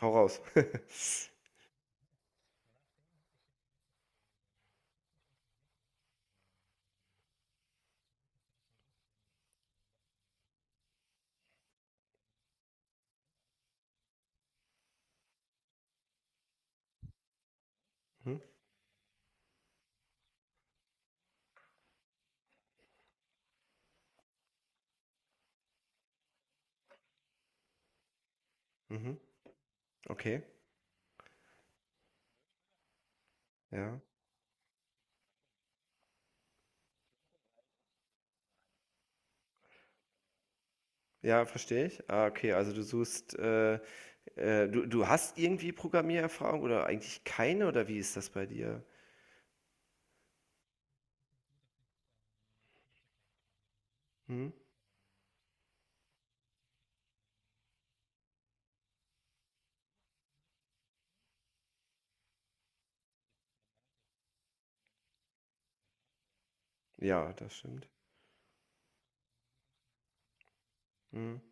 Hau raus. Mhm, mhm, okay, ja. Ja, verstehe ich. Ah, okay, also du suchst, du hast irgendwie Programmiererfahrung oder eigentlich keine oder wie ist das bei dir? Mhm. Ja, das stimmt. Mhm.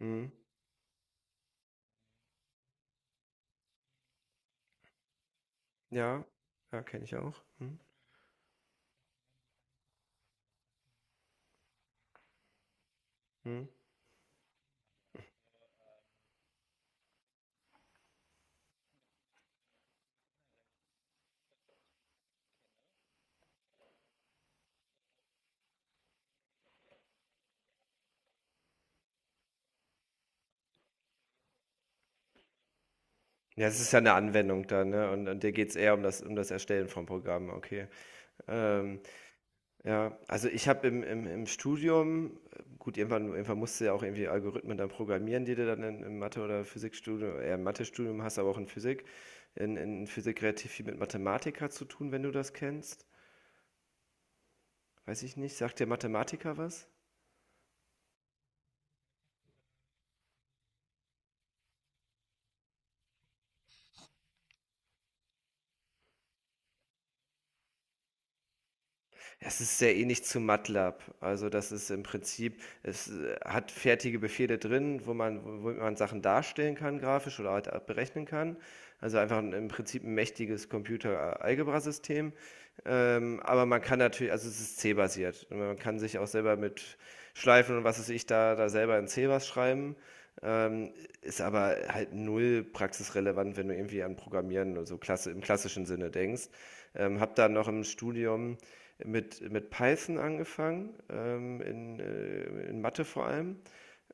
Mhm. Ja, ja, kenne ich auch. Mhm. Mhm. Ja, es ist ja eine Anwendung dann, ne? Und dir geht es eher um das Erstellen von Programmen, okay. Ähm, ja, also ich habe im Studium, gut, irgendwann musst du ja auch irgendwie Algorithmen dann programmieren, die du dann in, im Mathe- oder Physikstudium, eher im Mathe-Studium hast, aber auch in Physik. In Physik relativ viel mit Mathematiker zu tun, wenn du das kennst. Weiß ich nicht. Sagt dir Mathematiker was? Es ist sehr ähnlich zu MATLAB. Also das ist im Prinzip, es hat fertige Befehle drin, wo man Sachen darstellen kann, grafisch oder halt auch berechnen kann. Also einfach ein, im Prinzip ein mächtiges Computer-Algebra-System. Aber man kann natürlich, also es ist C-basiert. Und man kann sich auch selber mit Schleifen und was weiß ich da, da selber in C was schreiben. Ähm, ist aber halt null praxisrelevant, wenn du irgendwie an Programmieren oder so klasse, im klassischen Sinne denkst. Hab dann noch im Studium mit, Python angefangen, in Mathe vor allem.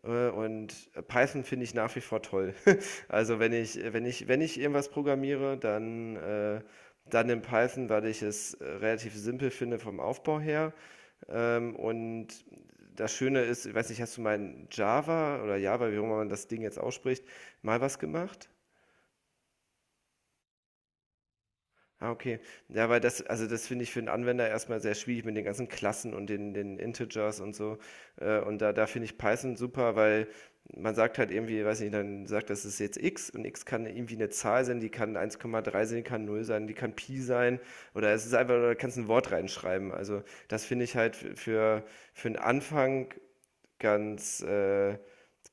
Und Python finde ich nach wie vor toll. Also wenn ich irgendwas programmiere, dann, dann in Python, weil ich es relativ simpel finde vom Aufbau her. Und das Schöne ist, ich weiß nicht, hast du mal in Java oder Java, wie auch immer man das Ding jetzt ausspricht, mal was gemacht? Ah, okay. Ja, weil das also, das finde ich für einen Anwender erstmal sehr schwierig mit den ganzen Klassen und den Integers und so. Und da finde ich Python super, weil man sagt halt irgendwie weiß nicht, dann sagt das ist jetzt X und X kann irgendwie eine Zahl sein, die kann 1,3 sein, die kann null sein, die kann Pi sein oder es ist einfach oder du kannst ein Wort reinschreiben. Also, das finde ich halt f für einen Anfang ganz, äh,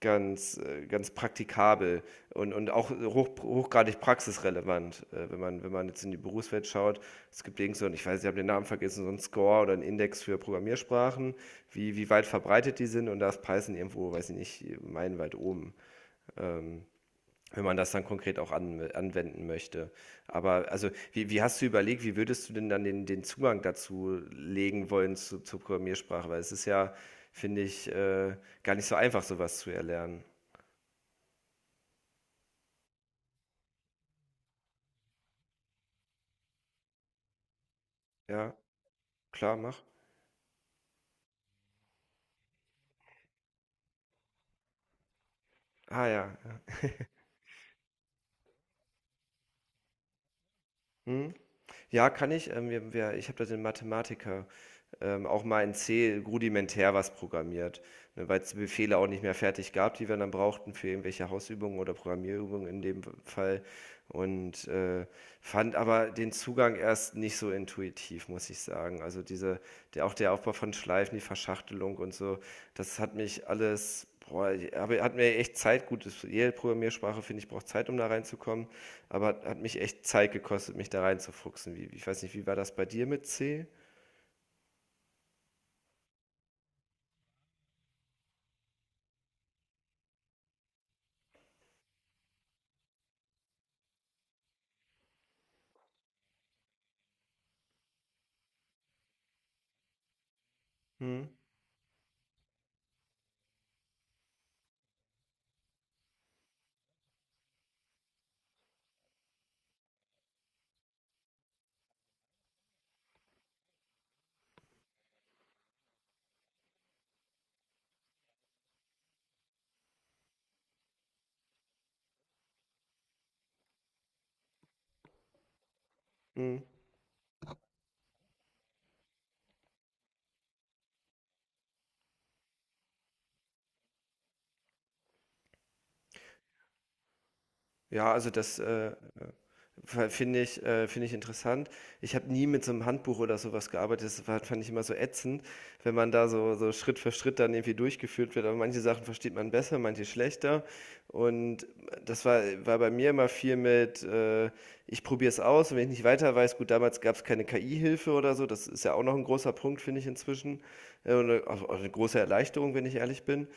ganz praktikabel und auch hochgradig praxisrelevant, wenn man jetzt in die Berufswelt schaut. Es gibt irgend so, ich weiß, ich habe den Namen vergessen, so einen Score oder einen Index für Programmiersprachen, wie weit verbreitet die sind, und da ist Python irgendwo, weiß ich nicht, meilenweit oben. Ähm, wenn man das dann konkret auch anwenden möchte. Aber also, wie hast du überlegt, wie würdest du denn dann den Zugang dazu legen wollen zu, zur Programmiersprache? Weil es ist ja, finde ich, gar nicht so einfach, sowas zu erlernen. Ja, klar, mach. Ah ja, ja. Hm? Ja, kann ich. Ich habe da den Mathematiker auch mal in C rudimentär was programmiert, ne, weil es die Befehle auch nicht mehr fertig gab, die wir dann brauchten für irgendwelche Hausübungen oder Programmierübungen in dem Fall. Und fand aber den Zugang erst nicht so intuitiv, muss ich sagen. Also diese, der, auch der Aufbau von Schleifen, die Verschachtelung und so, das hat mich alles, boah, aber hat mir echt Zeit, gut, jede Programmiersprache, finde ich, braucht Zeit, um da reinzukommen. Aber hat mich echt Zeit gekostet, mich da reinzufuchsen. Wie, ich weiß nicht, wie war das bei dir mit C? Hm? Hm. Ja, also finde ich, finde ich interessant. Ich habe nie mit so einem Handbuch oder sowas gearbeitet. Das war, fand ich immer so ätzend, wenn man da so, so Schritt für Schritt dann irgendwie durchgeführt wird. Aber manche Sachen versteht man besser, manche schlechter. Und das war bei mir immer viel mit, ich probiere es aus und wenn ich nicht weiter weiß, gut, damals gab es keine KI-Hilfe oder so. Das ist ja auch noch ein großer Punkt, finde ich inzwischen. Und auch eine große Erleichterung, wenn ich ehrlich bin.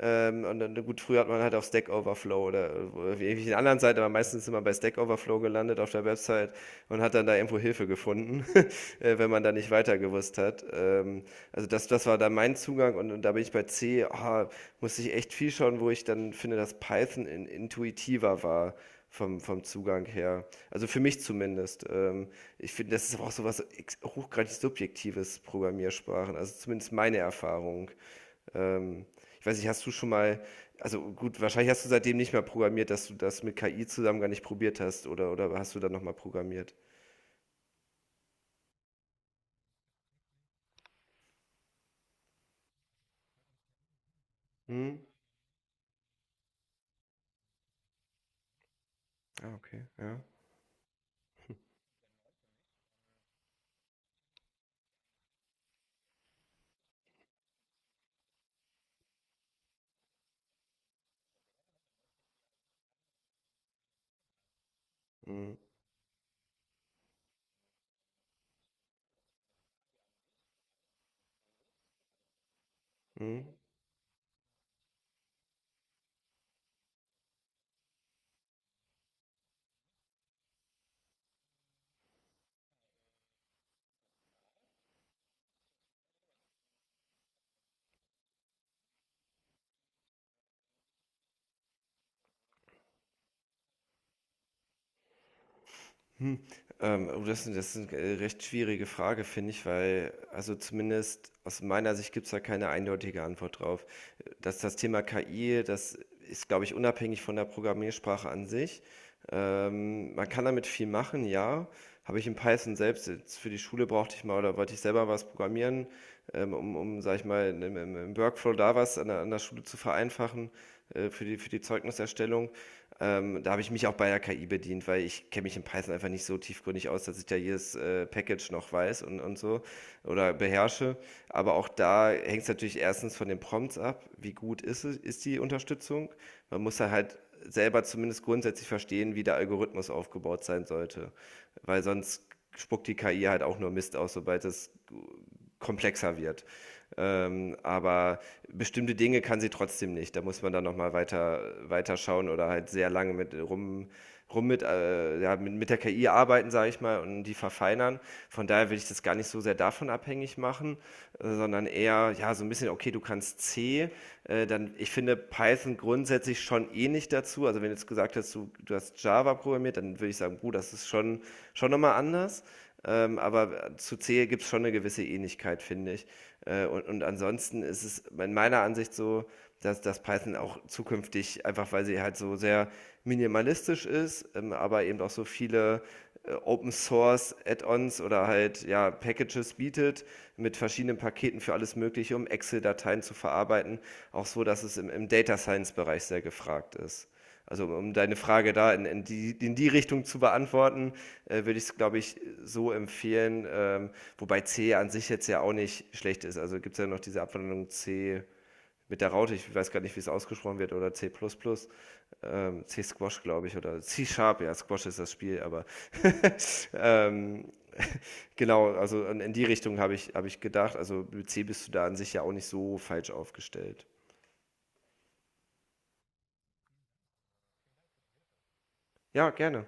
Und dann, gut, früher hat man halt auf Stack Overflow oder irgendwelchen anderen Seiten, aber meistens immer bei Stack Overflow gelandet auf der Website und hat dann da irgendwo Hilfe gefunden, wenn man da nicht weiter gewusst hat. Also das, das war dann mein Zugang und da bin ich bei C, ah, musste ich echt viel schauen, wo ich dann finde, dass Python intuitiver war vom Zugang her. Also für mich zumindest. Ich finde, das ist aber auch so was hochgradig subjektives Programmiersprachen, also zumindest meine Erfahrung. Ähm, ich weiß nicht, hast du schon mal, also gut, wahrscheinlich hast du seitdem nicht mehr programmiert, dass du das mit KI zusammen gar nicht probiert hast, oder hast du dann nochmal programmiert? Hm? Ah, okay, ja. Hm, hm. Hm, oh, das ist 'ne, recht schwierige Frage, finde ich, weil also, zumindest aus meiner Sicht gibt's da keine eindeutige Antwort drauf. Dass das Thema KI, das ist, glaube ich, unabhängig von der Programmiersprache an sich. Man kann damit viel machen, ja. Habe ich in Python selbst jetzt für die Schule brauchte ich mal oder wollte ich selber was programmieren, um, sag ich mal, im Workflow da was an an der Schule zu vereinfachen für für die Zeugniserstellung. Da habe ich mich auch bei der KI bedient, weil ich kenne mich in Python einfach nicht so tiefgründig aus, dass ich da jedes Package noch weiß und so oder beherrsche. Aber auch da hängt es natürlich erstens von den Prompts ab, wie gut es, ist die Unterstützung. Man muss da halt selber zumindest grundsätzlich verstehen, wie der Algorithmus aufgebaut sein sollte, weil sonst spuckt die KI halt auch nur Mist aus, sobald es komplexer wird. Aber bestimmte Dinge kann sie trotzdem nicht. Da muss man dann nochmal weiter schauen oder halt sehr lange rum mit, ja, mit, der KI arbeiten, sage ich mal, und die verfeinern. Von daher will ich das gar nicht so sehr davon abhängig machen, sondern eher, ja, so ein bisschen, okay, du kannst C, dann, ich finde Python grundsätzlich schon ähnlich dazu. Also wenn du jetzt gesagt hast, du hast Java programmiert, dann würde ich sagen, gut, schon nochmal anders. Aber zu Zehe gibt es schon eine gewisse Ähnlichkeit, finde ich. Und ansonsten ist es in meiner Ansicht so, dass Python auch zukünftig, einfach weil sie halt so sehr minimalistisch ist, aber eben auch so viele Open Source Add-ons oder halt ja, Packages bietet mit verschiedenen Paketen für alles Mögliche, um Excel-Dateien zu verarbeiten, auch so, dass es im Data Science-Bereich sehr gefragt ist. Also um deine Frage da in die Richtung zu beantworten, würde ich es, glaube ich, so empfehlen. Wobei C an sich jetzt ja auch nicht schlecht ist. Also gibt es ja noch diese Abwandlung C mit der Raute, ich weiß gar nicht, wie es ausgesprochen wird, oder C++, plus plus. Ähm, C-Squash, glaube ich, oder C-Sharp, ja, Squash ist das Spiel, aber ähm, genau, also in die Richtung habe hab ich gedacht. Also mit C bist du da an sich ja auch nicht so falsch aufgestellt. Ja, gerne.